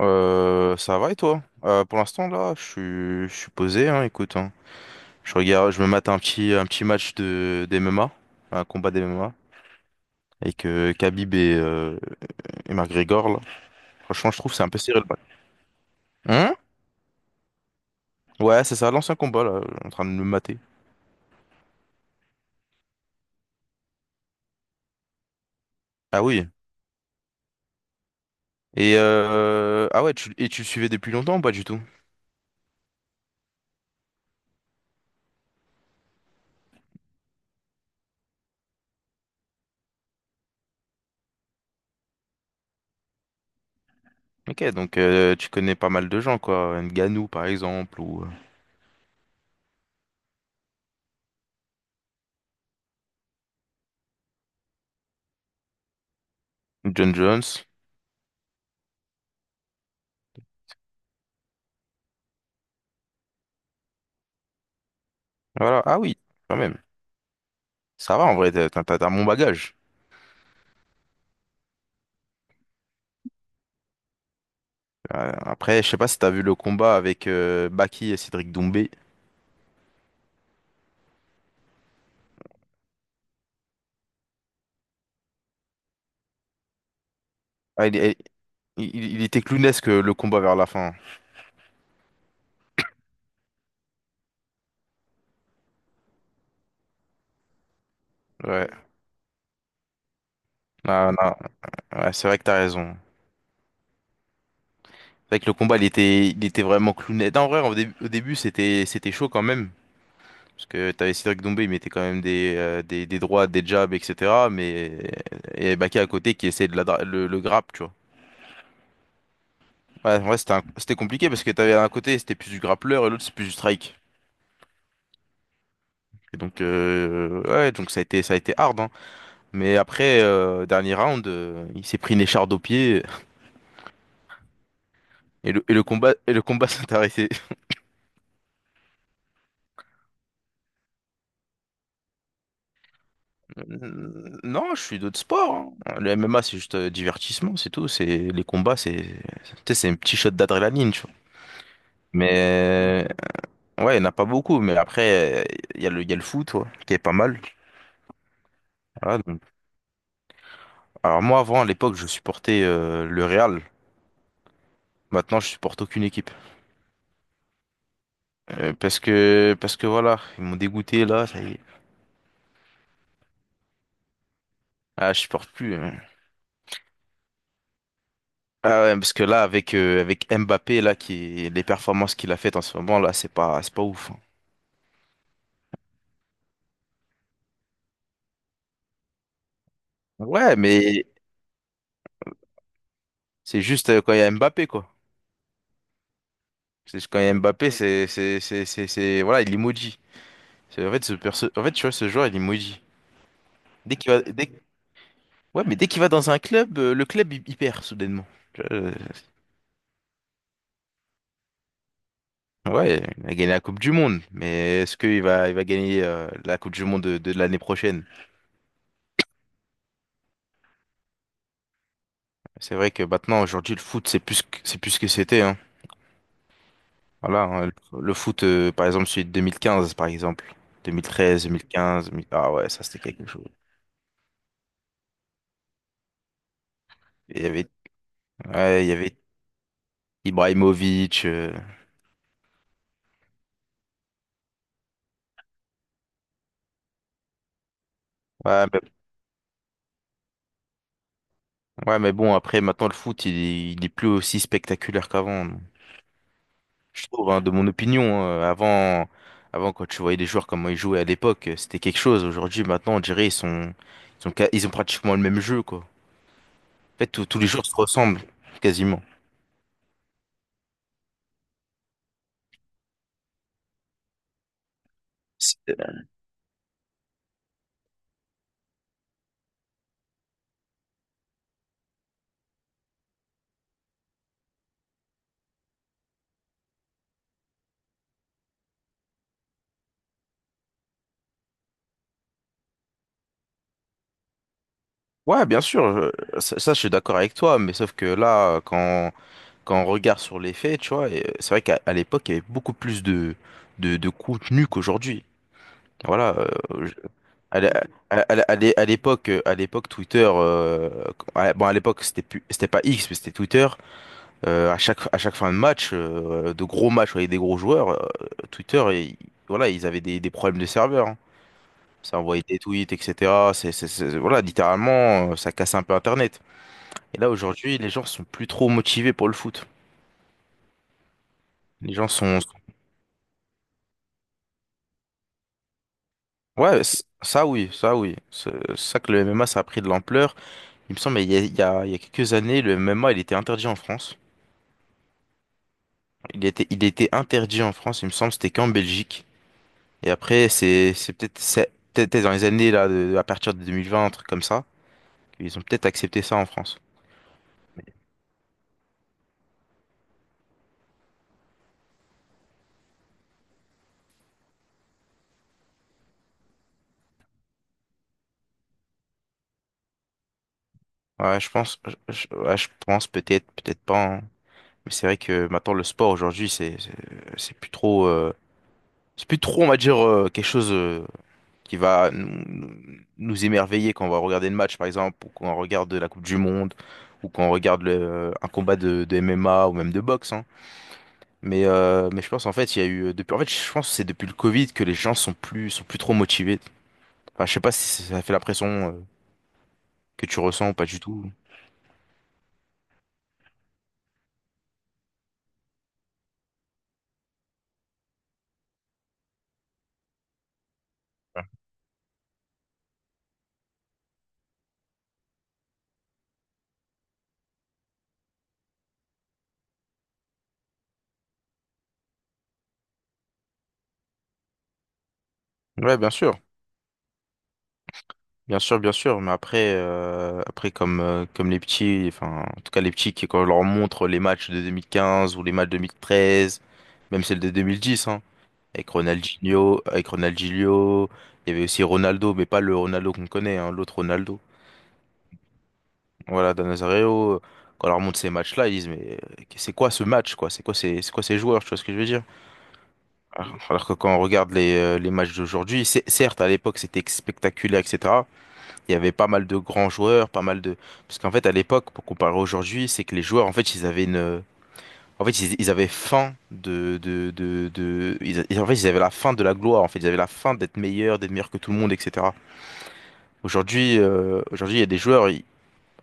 Ça va et toi? Pour l'instant là, je suis posé, hein, écoute, hein. Je regarde, je me mate un petit match de d'MMA, un combat d'MMA, avec Khabib et McGregor là. Franchement, je trouve que c'est un peu serré le match. Hein? Ouais, c'est ça, l'ancien combat là, en train de me mater. Ah oui. Et ah ouais, et tu le suivais depuis longtemps ou pas du tout? Ok, donc tu connais pas mal de gens quoi, Ngannou par exemple ou John Jones. Voilà, ah oui, quand même. Ça va en vrai, t'as un bon bagage. Après, je sais pas si t'as vu le combat avec Baki et Cédric Doumbé. Ah, il était clownesque le combat vers la fin. Ouais, non, non, ouais, c'est vrai que t'as raison. C'est vrai que le combat, il était vraiment clownesque. Non, en vrai, au début, c'était chaud quand même. Parce que t'avais Cédric Doumbé, il mettait quand même des droites, des jabs, etc. Mais il y avait Baki à côté qui essayait de le grappe, tu vois. Ouais, ouais, c'était compliqué parce que t'avais un côté, c'était plus du grappleur et l'autre, c'est plus du strike. Et donc, ouais, donc ça a été hard, hein. Mais après, dernier round, il s'est pris une écharde au pied et le combat s'est arrêté. Non, je suis d'autres sports, hein. Le MMA, c'est juste divertissement, c'est tout. C'est les combats, c'est, tu sais, c'est un petit shot d'adrénaline, tu vois. Mais ouais, il n'y en a pas beaucoup. Mais après, il y a le foot, ouais, qui est pas mal. Voilà, donc. Alors moi, avant, à l'époque, je supportais le Real. Maintenant, je supporte aucune équipe. Parce que voilà, ils m'ont dégoûté là. Ça y est. Ah, je supporte plus, hein. Ah ouais, parce que là, avec Mbappé, là, qui, les performances qu'il a faites en ce moment, là, c'est pas ouf, hein. Ouais, mais c'est juste quand il y a Mbappé, quoi. C'est quand il y a Mbappé, voilà, il est maudit. C'est, en fait, en fait, tu vois, ce joueur, il est maudit. Dès qu'il va, dès- ouais, mais dès qu'il va dans un club, le club, il perd, soudainement. Tu vois, ouais, il a gagné la Coupe du Monde, mais est-ce qu'il va gagner, la Coupe du Monde de l'année prochaine? C'est vrai que maintenant, aujourd'hui, le foot, c'est plus ce que c'était, hein. Voilà, hein, le foot, par exemple, celui de 2015, par exemple. 2013, 2015, 2000, ah ouais, ça c'était quelque chose. Et il y avait, ouais, il y avait Ibrahimovic. Ouais, mais, ouais, mais bon, après, maintenant, le foot, il est plus aussi spectaculaire qu'avant. Je trouve, hein, de mon opinion, hein. Avant, quand tu voyais les joueurs, comment ils jouaient à l'époque, c'était quelque chose. Aujourd'hui, maintenant, on dirait, ils ont pratiquement le même jeu, quoi. En fait, tous les joueurs se ressemblent, quasiment. Ouais, bien sûr, ça, je suis d'accord avec toi, mais sauf que là, quand on regarde sur les faits, tu vois, et c'est vrai qu'à l'époque, il y avait beaucoup plus de contenu qu'aujourd'hui. Voilà, euh, je- à l'é- à l'époque, Twitter, à l'époque, c'était plus, c'était pas X, mais c'était Twitter. À chaque fin de match, de gros matchs avec des gros joueurs, Twitter, et, voilà, ils avaient des problèmes de serveur, hein. Ça envoyait des tweets, etc. Voilà, littéralement, ça cassait un peu Internet. Et là, aujourd'hui, les gens sont plus trop motivés pour le foot. Les gens sont... Ouais, ça oui, ça oui. C'est ça que le MMA, ça a pris de l'ampleur. Il me semble, il y a, il y a, il y a quelques années, le MMA, il était interdit en France. Il était interdit en France, il me semble, c'était qu'en Belgique. Et après, c'est peut-être dans les années, là, à partir de 2020, un truc comme ça, qu'ils ont peut-être accepté ça en France. Ouais, je pense, ouais, je pense peut-être, peut-être pas, hein. Mais c'est vrai que maintenant, le sport, aujourd'hui, c'est plus trop. C'est plus trop, on va dire, quelque chose qui va nous émerveiller quand on va regarder le match, par exemple, ou quand on regarde la Coupe du Monde, ou quand on regarde un combat de MMA ou même de boxe, hein. Mais je pense, en fait, il y a eu. Depuis, en fait, je pense que c'est depuis le Covid que les gens sont plus trop motivés. Enfin, je sais pas si ça fait la pression que tu ressens ou pas du tout. Ouais, bien sûr. Bien sûr, bien sûr, mais après, comme les petits, enfin, en tout cas les petits, qui, quand on leur montre les matchs de 2015 ou les matchs de 2013, même celles de 2010, hein, avec Ronaldinho, il y avait aussi Ronaldo, mais pas le Ronaldo qu'on connaît, hein, l'autre Ronaldo. Voilà, Dan Nazario, quand on leur montre ces matchs-là, ils disent, mais c'est quoi ce match, quoi? C'est quoi ces joueurs, tu vois ce que je veux dire? Alors que quand on regarde les matchs d'aujourd'hui, certes, à l'époque, c'était spectaculaire, etc. Il y avait pas mal de grands joueurs, pas mal de... Parce qu'en fait, à l'époque, pour comparer aujourd'hui, c'est que les joueurs, en fait, ils avaient une... En fait, ils avaient faim de... en fait, ils avaient la faim de la gloire, en fait. Ils avaient la faim d'être meilleurs que tout le monde, etc. Aujourd'hui, il y a des joueurs,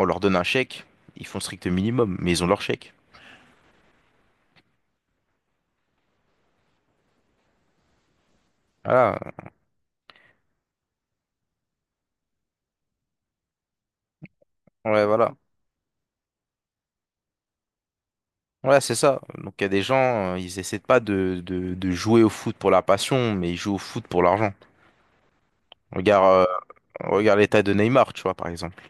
on leur donne un chèque, ils font strict minimum, mais ils ont leur chèque. Voilà, ouais, voilà. Ouais, c'est ça. Donc, il y a des gens, ils essaient pas de jouer au foot pour la passion, mais ils jouent au foot pour l'argent. Regarde, regarde l'état de Neymar, tu vois, par exemple.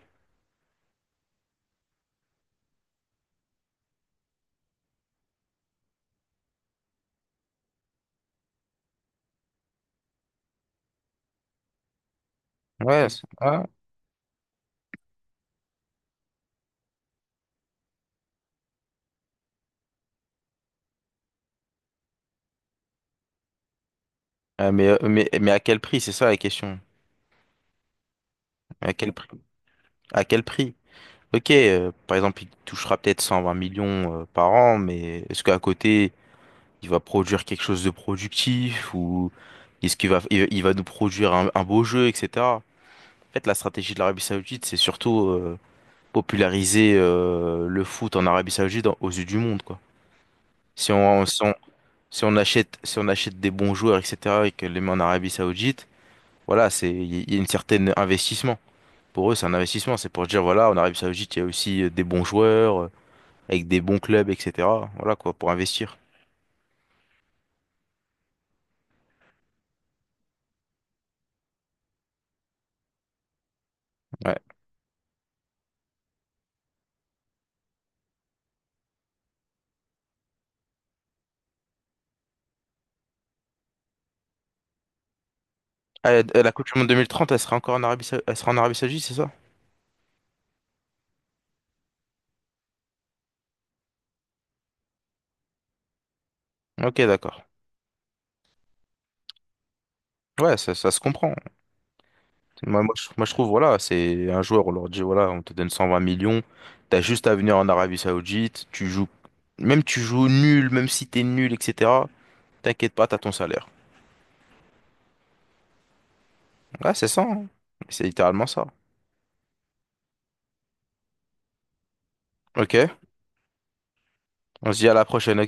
Ouais, ah. Mais à quel prix? C'est ça la question. À quel prix? À quel prix? Ok, par exemple, il touchera peut-être 120 millions par an, mais est-ce qu'à côté, il va produire quelque chose de productif ou est-ce qu'il va nous produire un beau jeu, etc. En fait, la stratégie de l'Arabie Saoudite, c'est surtout populariser le foot en Arabie Saoudite aux yeux du monde, quoi. Si on, si on, si on achète des bons joueurs, etc., et que les met en Arabie Saoudite, voilà, c'est il y a une certaine investissement. Pour eux, c'est un investissement. C'est pour dire, voilà, en Arabie Saoudite, il y a aussi des bons joueurs, avec des bons clubs, etc. Voilà quoi, pour investir. Ouais. Ah, la Coupe du Monde 2030, elle sera encore en Arabie, Sa- elle sera en Arabie Saoudite, c'est ça? Ok, d'accord. Ouais, ça se comprend. Moi, je trouve, voilà, c'est un joueur, on leur dit, voilà, on te donne 120 millions, t'as juste à venir en Arabie Saoudite, tu joues, même tu joues nul, même si t'es nul, etc. T'inquiète pas, t'as ton salaire. Ouais, c'est ça, hein. C'est littéralement ça. Ok. On se dit à la prochaine, ok?